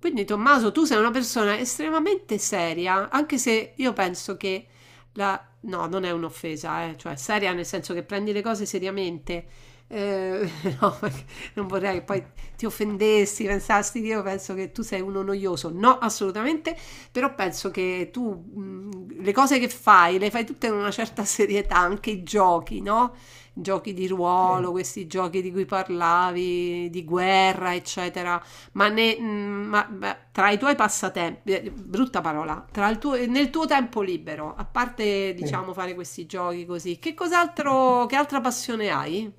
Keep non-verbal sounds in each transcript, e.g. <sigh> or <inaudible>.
Quindi Tommaso, tu sei una persona estremamente seria, anche se io penso che No, non è un'offesa, cioè seria nel senso che prendi le cose seriamente. Eh, <laughs> no, perché non vorrei che poi ti offendessi, pensassi che io penso che tu sei uno noioso. No, assolutamente, però penso che tu le cose che fai le fai tutte con una certa <laughs> serietà, anche i giochi, no? Giochi di ruolo, questi giochi di cui parlavi, di guerra, eccetera, ma, ma tra i tuoi passatempi, brutta parola, nel tuo tempo libero, a parte, sì, diciamo fare questi giochi così, che cos'altro, che altra passione hai?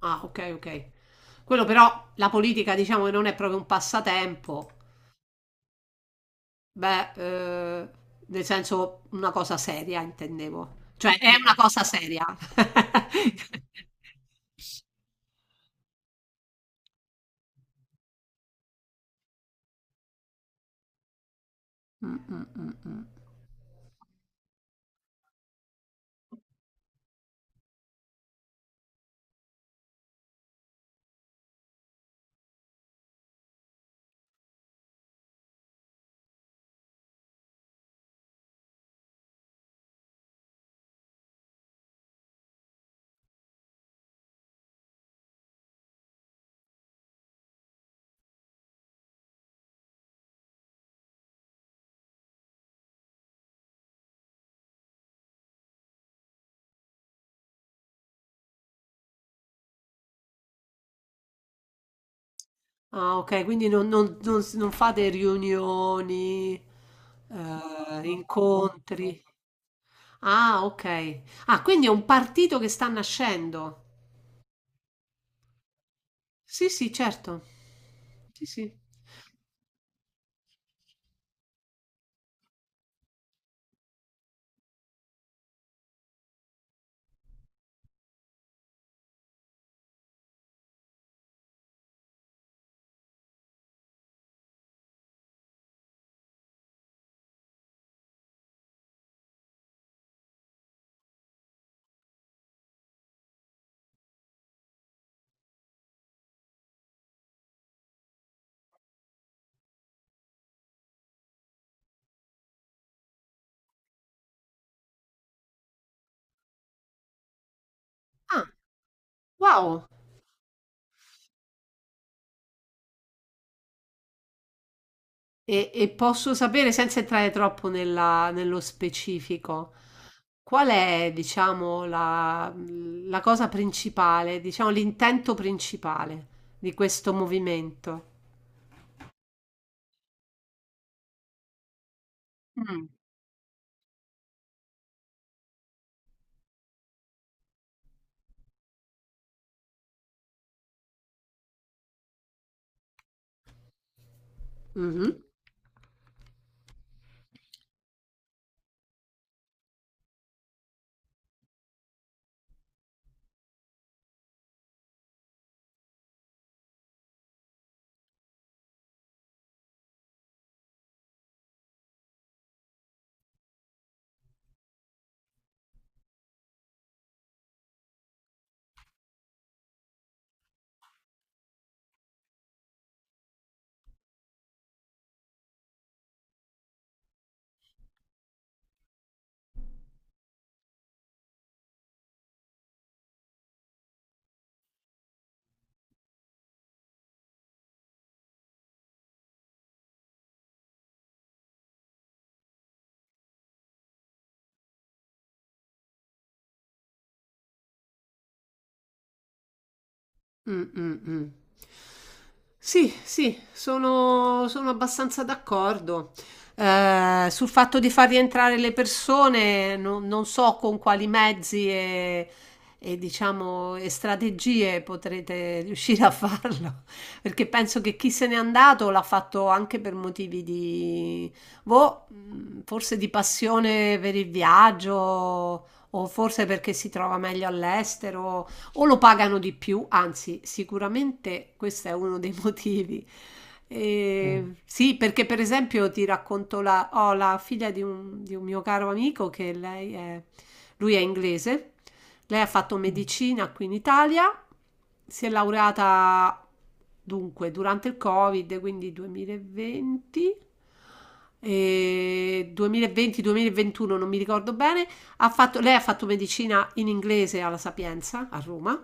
Ah, ok, ok. Quello però, la politica diciamo che non è proprio un passatempo, beh, nel senso una cosa seria intendevo, cioè è una cosa seria. <laughs> Mm, mm, mm, mm. Ah, ok, quindi non fate riunioni, incontri. Ah, ok. Ah, quindi è un partito che sta nascendo. Sì, sì, certo. Sì, sì. Ah, wow. E posso sapere, senza entrare nello specifico, qual è, diciamo, la, la cosa principale, diciamo, l'intento principale di questo movimento? Mm. Mhm. Mm, mm, mm. Sì, sì, sono abbastanza d'accordo. Sul fatto di far rientrare le persone, non so con quali mezzi e, diciamo, e strategie potrete riuscire a farlo, <laughs> perché penso che chi se n'è andato l'ha fatto anche per motivi di, boh, forse di passione per il viaggio, o forse perché si trova meglio all'estero o lo pagano di più, anzi, sicuramente questo è uno dei <laughs> motivi. E, mm, sì, perché per esempio ti racconto ho la figlia di di un mio caro amico che lei è, lui è inglese, lei ha fatto, mm, medicina qui in Italia, si è laureata dunque durante il Covid, quindi 2020 e 2020-2021, non mi ricordo bene. Lei ha fatto medicina in inglese alla Sapienza a Roma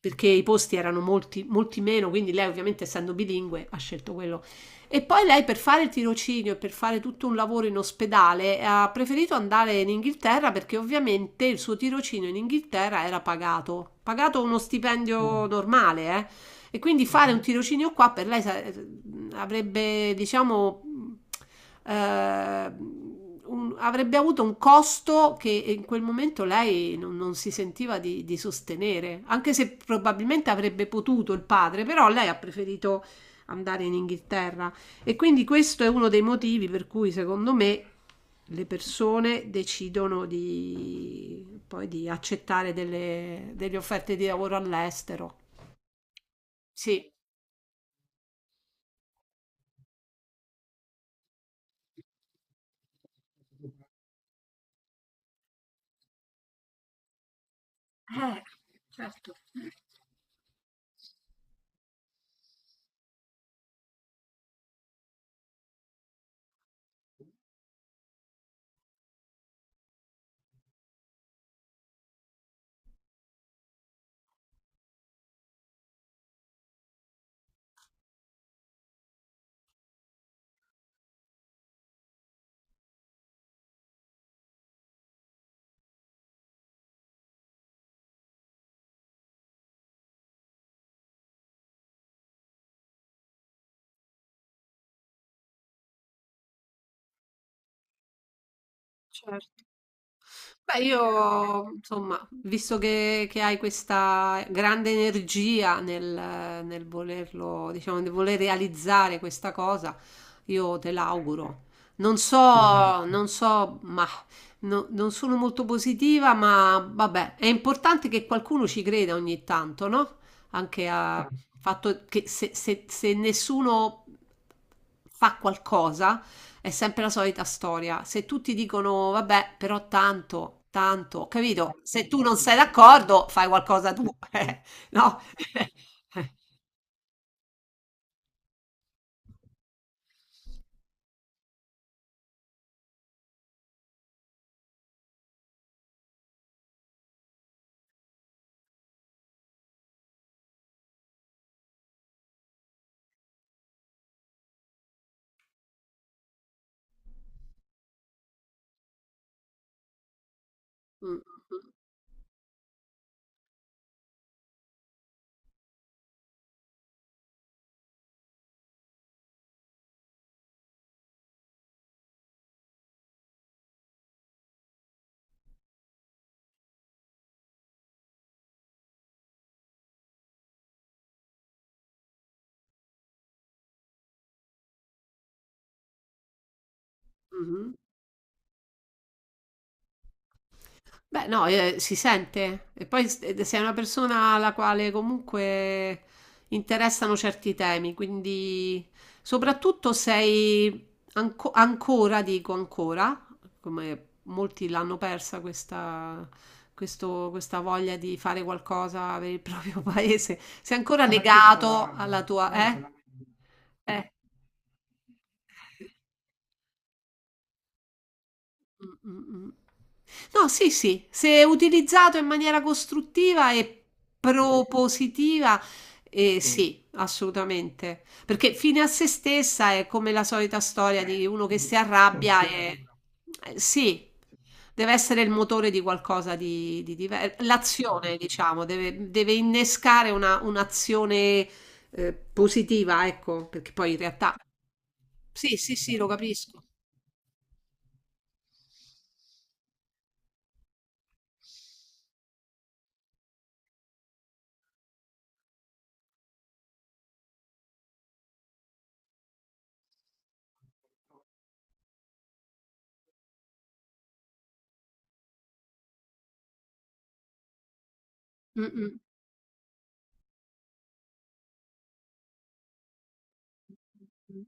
perché i posti erano molti, molti meno, quindi lei ovviamente essendo bilingue ha scelto quello. E poi lei per fare il tirocinio e per fare tutto un lavoro in ospedale ha preferito andare in Inghilterra perché ovviamente il suo tirocinio in Inghilterra era pagato, pagato uno stipendio normale, eh. E quindi fare un tirocinio qua per lei avrebbe, diciamo, eh, avrebbe avuto un costo che in quel momento lei non si sentiva di sostenere, anche se probabilmente avrebbe potuto il padre, però lei ha preferito andare in Inghilterra. E quindi questo è uno dei motivi per cui, secondo me, le persone decidono di, poi di accettare delle, delle offerte di lavoro all'estero. Sì. Eh, certo. Beh, io, insomma, visto che hai questa grande energia nel, nel volerlo, diciamo, nel voler realizzare questa cosa, io te l'auguro. Non so, ma non sono molto positiva, ma vabbè, è importante che qualcuno ci creda ogni tanto, no? Anche a fatto che se, se nessuno fa qualcosa. È sempre la solita storia. Se tutti dicono, vabbè, però tanto, capito? Se tu non sei d'accordo, fai qualcosa tu, <laughs> eh, no? <laughs> Mm, mhm. Beh, no, si sente. E poi sei una persona alla quale comunque interessano certi temi, quindi soprattutto sei ancora, dico ancora, come molti l'hanno persa questa, questa voglia di fare qualcosa per il proprio <laughs> paese, sei ancora legato alla tua... Eh? Eh. Mh, mh, mh. No, sì, sì, se utilizzato in maniera costruttiva e propositiva, sì, assolutamente. Perché fine a se stessa è come la solita storia di uno che si arrabbia e sì, deve essere il motore di qualcosa di diverso. L'azione, diciamo, deve innescare un'azione positiva, ecco, perché poi in realtà sì, sì, sì, lo capisco. Mm, mm, mm,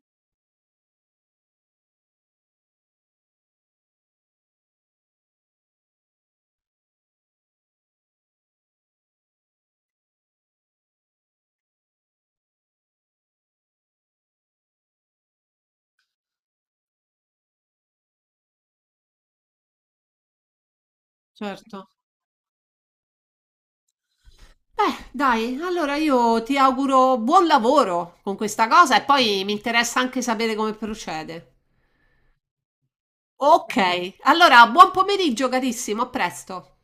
certo. Beh, dai, allora io ti auguro buon lavoro con questa cosa e poi mi interessa anche sapere come procede. Ok, allora buon pomeriggio carissimo, a presto.